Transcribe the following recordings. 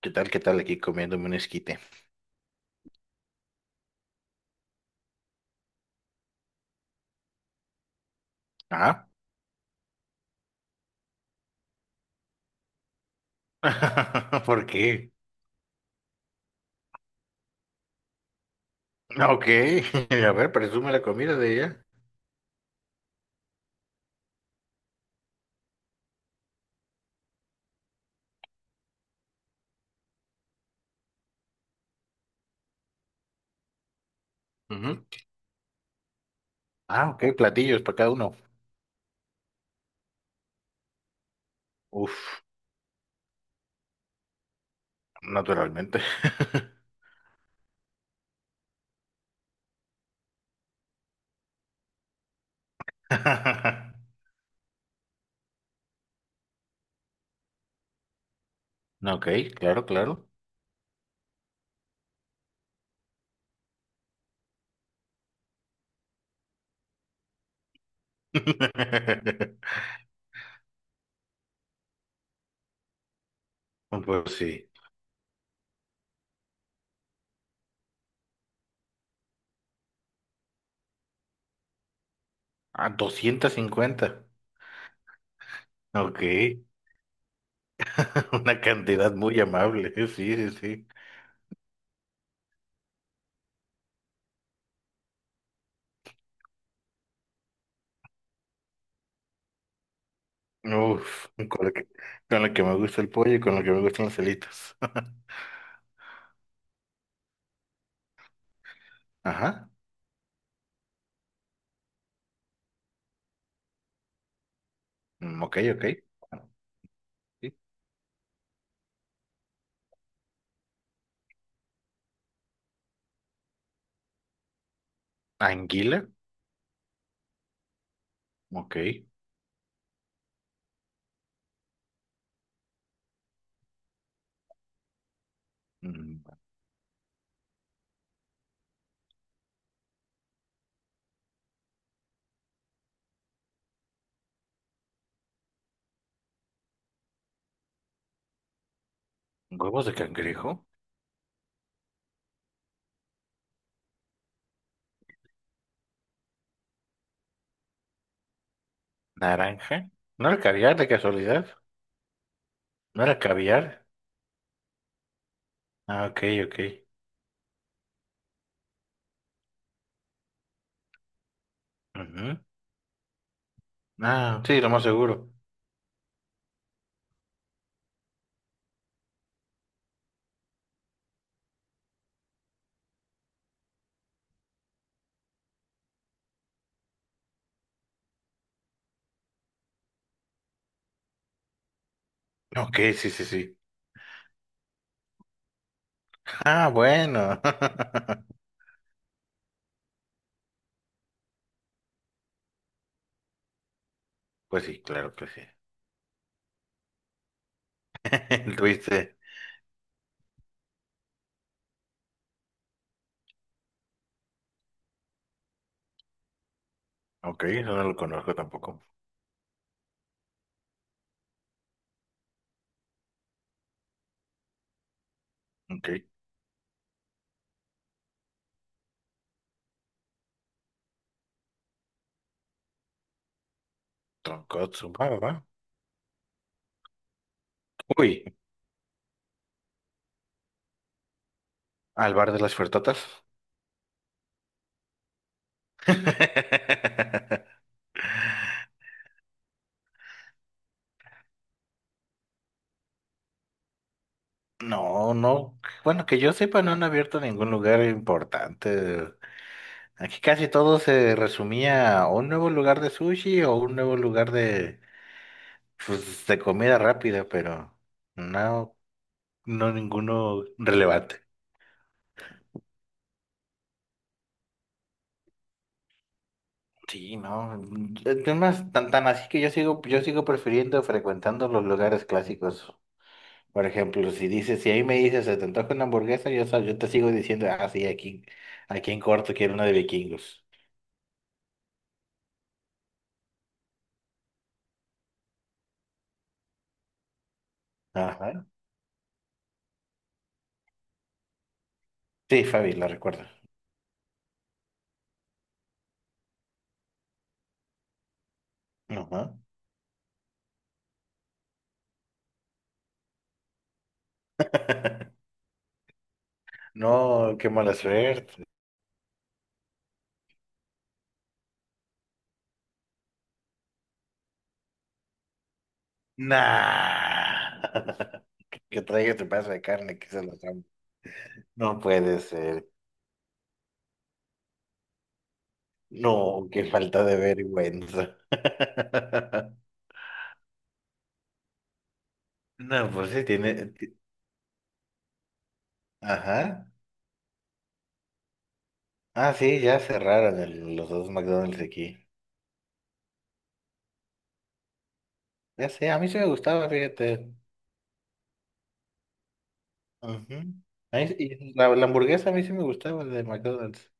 ¿Qué tal? ¿Qué tal? Aquí comiéndome un esquite. Ah, ¿por qué? Ok, a ver, presume la comida de ella. Ujú. Ah, ok, platillos para cada uno. Uf, naturalmente. Ok, claro, claro. Pues sí. Ah, doscientos cincuenta. Ok, una cantidad muy amable. Sí, sí, sí. Uf, con lo que me gusta el pollo y con lo que me gustan las alitas. Ajá. Mm, ok, ok. Bueno, sí. Anguila, ok. Mm. Huevos de cangrejo, naranja. ¿No era caviar de casualidad? ¿No era caviar? Ah, ok, ok. Ujú. Ah, sí, lo más seguro. Ok, sí, sí, sí. Ah, bueno. Pues sí, claro que sí. El tuviste. Ok, eso no lo conozco tampoco. Ok. Tonkotsu, va, va, va. Uy, al bar de las fertotas. No, no. Bueno, que yo sepa, no han abierto ningún lugar importante. Aquí casi todo se resumía a un nuevo lugar de sushi o un nuevo lugar de, pues, de comida rápida, pero no, no ninguno relevante. Sí, no. Es más, tan así que yo sigo prefiriendo frecuentando los lugares clásicos. Por ejemplo, si dices, si ahí me dices, se te antoja una hamburguesa, yo, yo te sigo diciendo, ah, sí, aquí, aquí en corto quiero una de vikingos. Ajá. Sí, Fabi, la recuerdo. Ajá. No, qué mala suerte. Nah. Que traiga tu pedazo de carne, que se lo trampa. No puede ser. No, qué falta de vergüenza. No, pues sí, tiene. Ajá. Ah, sí, ya cerraron los dos McDonald's aquí. Ya sé, a mí sí me gustaba, fíjate. Ujú. Y la hamburguesa a mí sí me gustaba de McDonald's.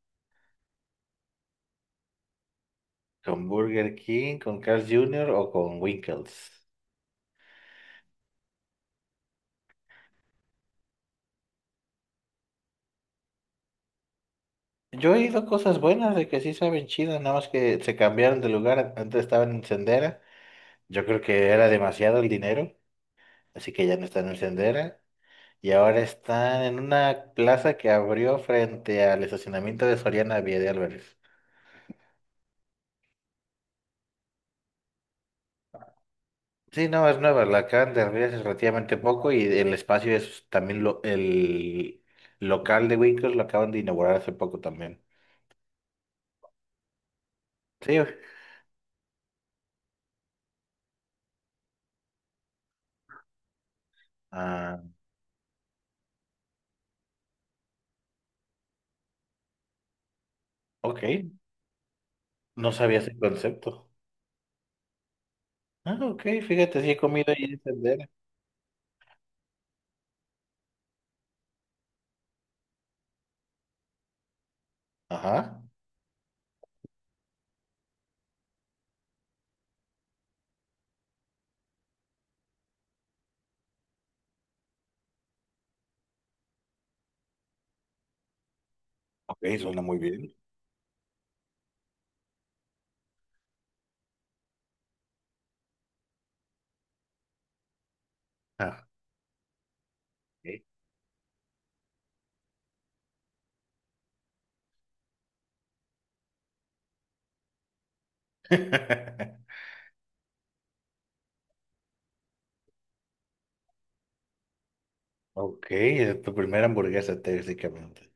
¿Con Burger King, con Carl's Jr. o con Winkles? Yo he ido cosas buenas de que sí saben chido, nada más que se cambiaron de lugar. Antes estaban en Sendera. Yo creo que era demasiado el dinero, así que ya no están en Sendera. Y ahora están en una plaza que abrió frente al estacionamiento de Soriana Vía de Álvarez. Sí, no, es nueva, la acaban de abrir hace relativamente poco y el espacio es también el local de Winkles lo acaban de inaugurar hace poco también. Sí, ah, ok, no sabía ese concepto. Ah, ok, fíjate, sí he comido ahí en Sendera. Ajá. Ok, suena muy bien. Ah, ok. Ok, es tu primera hamburguesa, técnicamente.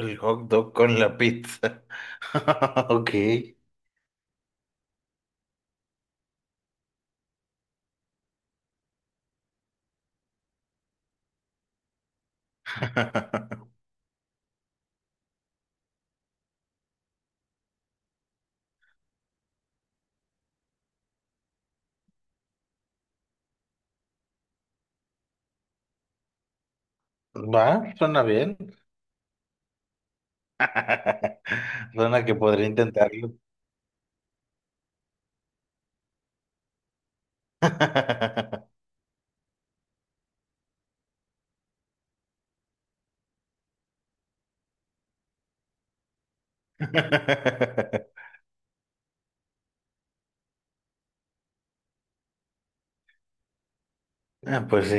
El hot dog con la pizza. Ok. Va, suena bien. Suena que podría intentarlo. Ah, pues sí.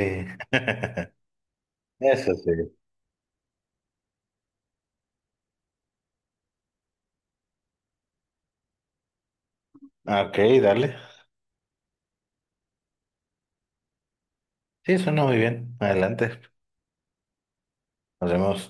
Eso sí. Ok, dale. Sí, suena muy bien. Adelante. Nos vemos.